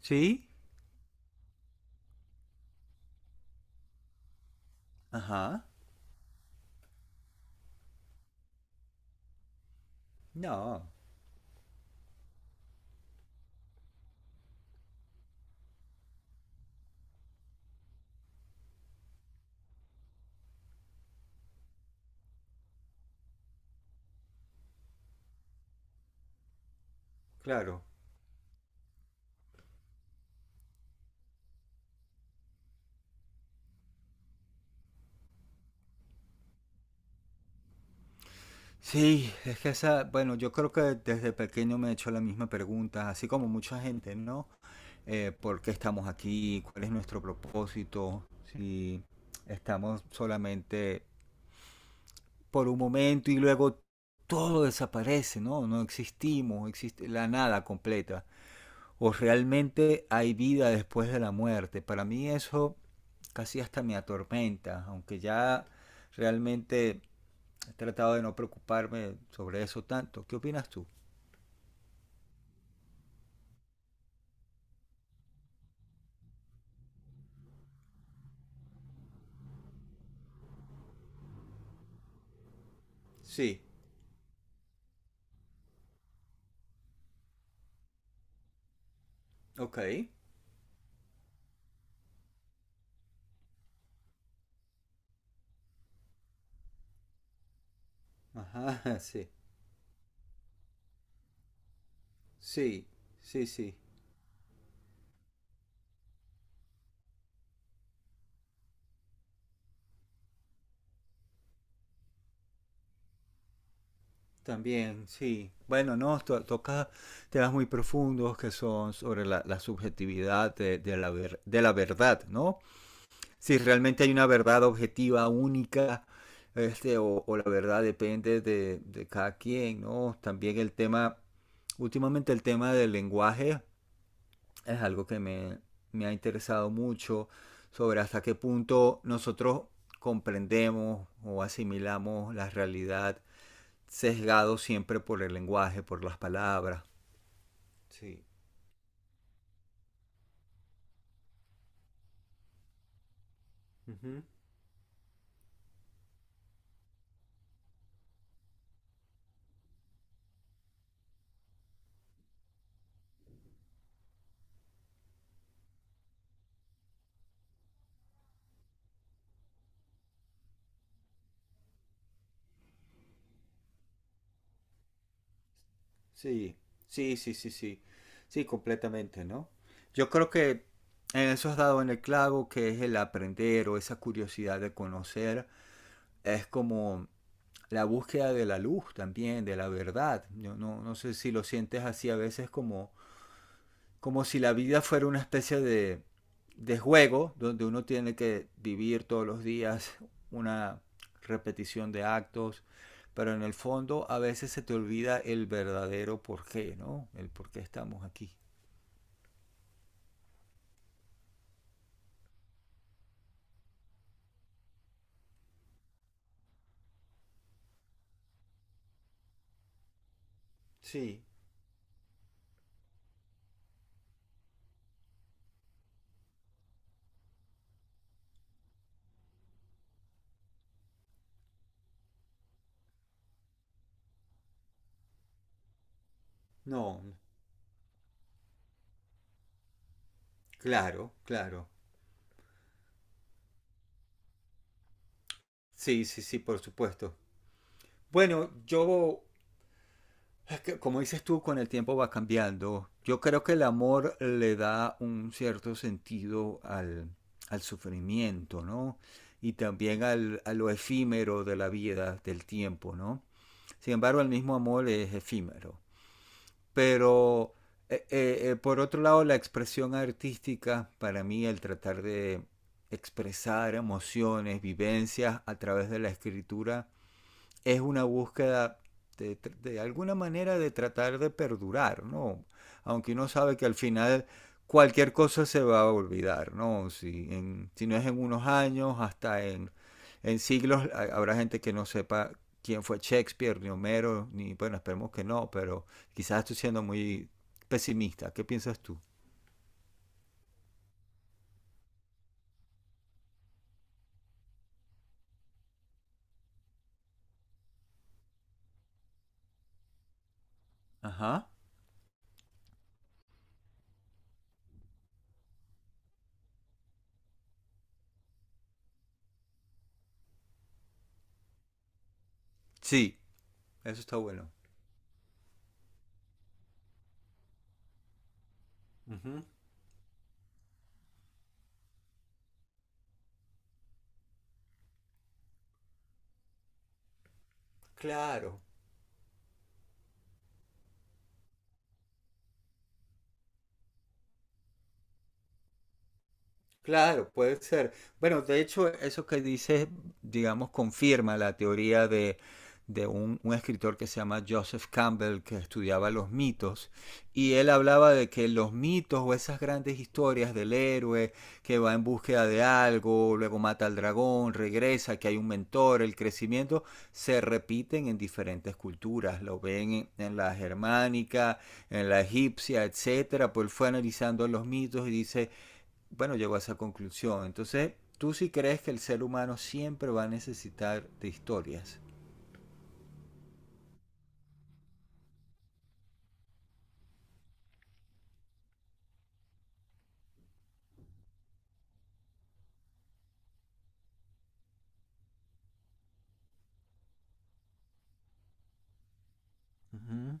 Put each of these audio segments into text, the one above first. ¿Sí? Ajá. No, claro. Sí, es que esa, bueno, yo creo que desde pequeño me he hecho la misma pregunta, así como mucha gente, ¿no? ¿Por qué estamos aquí? ¿Cuál es nuestro propósito? Si estamos solamente por un momento y luego todo desaparece, ¿no? No existimos, existe la nada completa, o realmente hay vida después de la muerte. Para mí eso casi hasta me atormenta, aunque ya realmente he tratado de no preocuparme sobre eso tanto. ¿Qué opinas tú? Sí, ok. Ajá, sí. Sí, sí, sí. También, sí. Bueno, no, to toca temas muy profundos que son sobre la subjetividad de la ver de la verdad, ¿no? Si realmente hay una verdad objetiva, única, este, o la verdad depende de cada quien, ¿no? También últimamente el tema del lenguaje es algo que me ha interesado mucho, sobre hasta qué punto nosotros comprendemos o asimilamos la realidad sesgado siempre por el lenguaje, por las palabras. Sí. Ujú. Sí, sí. Sí, completamente, ¿no? Yo creo que en eso has dado en el clavo, que es el aprender o esa curiosidad de conocer. Es como la búsqueda de la luz también, de la verdad. Yo no sé si lo sientes así a veces, como como si la vida fuera una especie de juego donde uno tiene que vivir todos los días una repetición de actos, pero en el fondo a veces se te olvida el verdadero porqué, ¿no? El por qué estamos aquí. Sí, no, claro, claro. Sí, sí, sí, por supuesto. Bueno, yo, como dices tú, con el tiempo va cambiando. Yo creo que el amor le da un cierto sentido al sufrimiento, ¿no? Y también a lo efímero de la vida, del tiempo, ¿no? Sin embargo, el mismo amor es efímero. Pero, por otro lado, la expresión artística, para mí, el tratar de expresar emociones, vivencias a través de la escritura, es una búsqueda de alguna manera de tratar de perdurar, ¿no? Aunque uno sabe que al final cualquier cosa se va a olvidar, ¿no? Si no es en unos años, en siglos habrá gente que no sepa quién fue Shakespeare, ni Homero, ni bueno, esperemos que no, pero quizás estoy siendo muy pesimista. ¿Qué piensas tú? Ajá. Sí, eso está bueno. Uh -huh. Claro. Claro, puede ser. Bueno, de hecho, eso que dices, digamos, confirma la teoría de un escritor que se llama Joseph Campbell, que estudiaba los mitos, y él hablaba de que los mitos o esas grandes historias del héroe que va en búsqueda de algo, luego mata al dragón, regresa, que hay un mentor, el crecimiento, se repiten en diferentes culturas. Lo ven en la germánica, en la egipcia, etcétera. Pues él fue analizando los mitos y dice, bueno, llegó a esa conclusión. Entonces, tú sí crees que el ser humano siempre va a necesitar de historias. Uh-huh.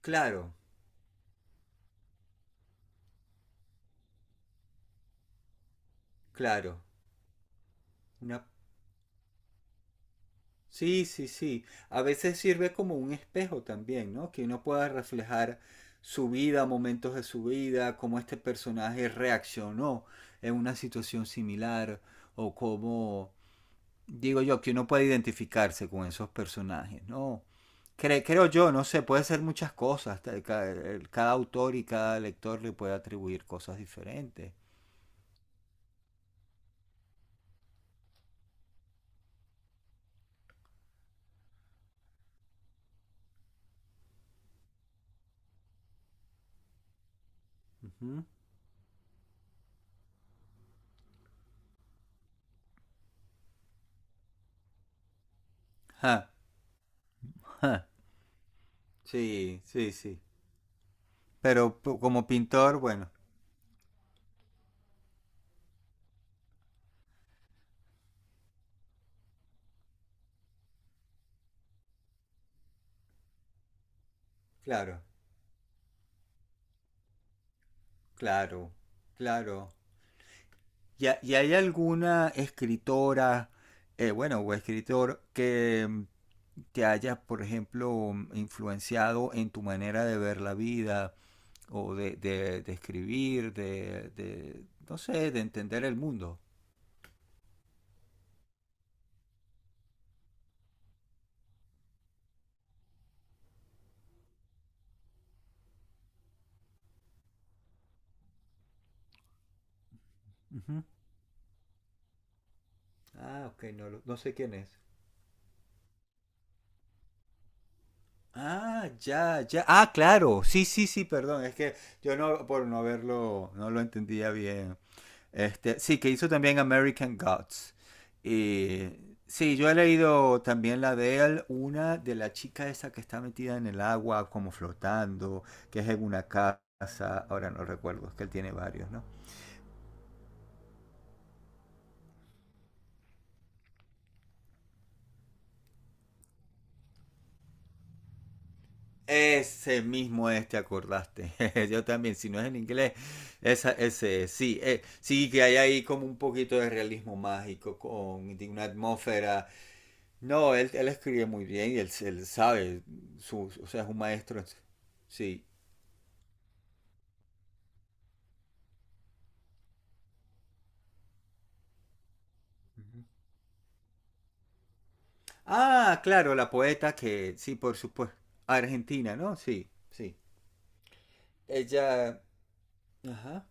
Claro, claro. Una. Sí, sí, sí. A veces sirve como un espejo también, ¿no? Que uno pueda reflejar su vida, momentos de su vida, cómo este personaje reaccionó en una situación similar, o cómo, digo yo, que uno puede identificarse con esos personajes, ¿no? Creo yo, no sé, puede ser muchas cosas. Cada autor y cada lector le puede atribuir cosas diferentes. Ujú. Ja, ja. Sí, sí, sí. Pero como pintor, bueno, claro. Claro, claro. ¿Y y hay alguna escritora, bueno, o escritor que te haya, por ejemplo, influenciado en tu manera de ver la vida o de, de escribir, de, no sé, de entender el mundo? Ujú. Ah, ok, no, no sé quién es. Ah, ya, ya. Ah, claro. Sí, sí, sí, perdón. Es que yo no, por no verlo, no lo entendía bien. Este, sí, que hizo también American Gods. Y sí, yo he leído también la de él, una de la chica esa que está metida en el agua, como flotando, que es en una casa, ahora no recuerdo, es que él tiene varios, ¿no? Ese mismo es, te acordaste. Yo también, si no es en inglés, ese es. Sí, sí que hay ahí como un poquito de realismo mágico, con de una atmósfera. No, él escribe muy bien y él sabe, su, o sea, es un maestro. Sí. Ujú. Ah, claro, la poeta que, sí, por supuesto, argentina, ¿no? Sí, sí. Ella, ajá.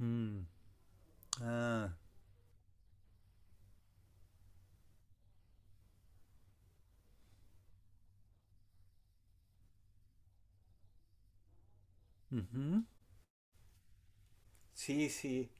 Mm, ah, ujú. Sí, sí.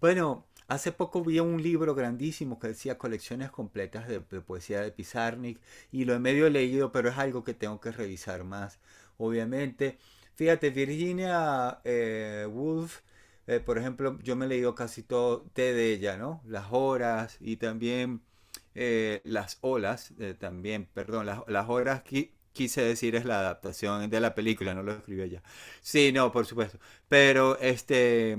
Bueno, hace poco vi un libro grandísimo que decía colecciones completas de poesía de Pizarnik, y lo he medio leído, pero es algo que tengo que revisar más, obviamente. Fíjate, Virginia Woolf, por ejemplo, yo me he leído casi todo té de ella, ¿no? Las horas y también las olas, también, perdón, las horas quise decir, es la adaptación de la película, no lo escribió ella. Sí, no, por supuesto. Pero este,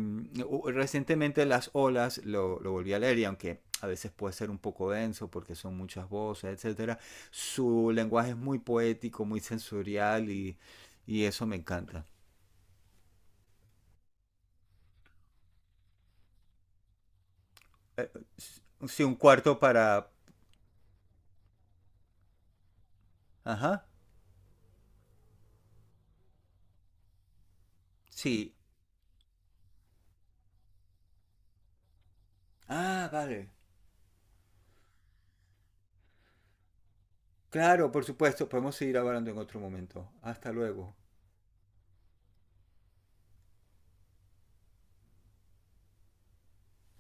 recientemente las olas lo volví a leer, y aunque a veces puede ser un poco denso porque son muchas voces, etcétera, su lenguaje es muy poético, muy sensorial, y eso me encanta. Eh, Sí, un cuarto para... Ajá, sí. Ah, vale. Claro, por supuesto, podemos seguir hablando en otro momento. Hasta luego.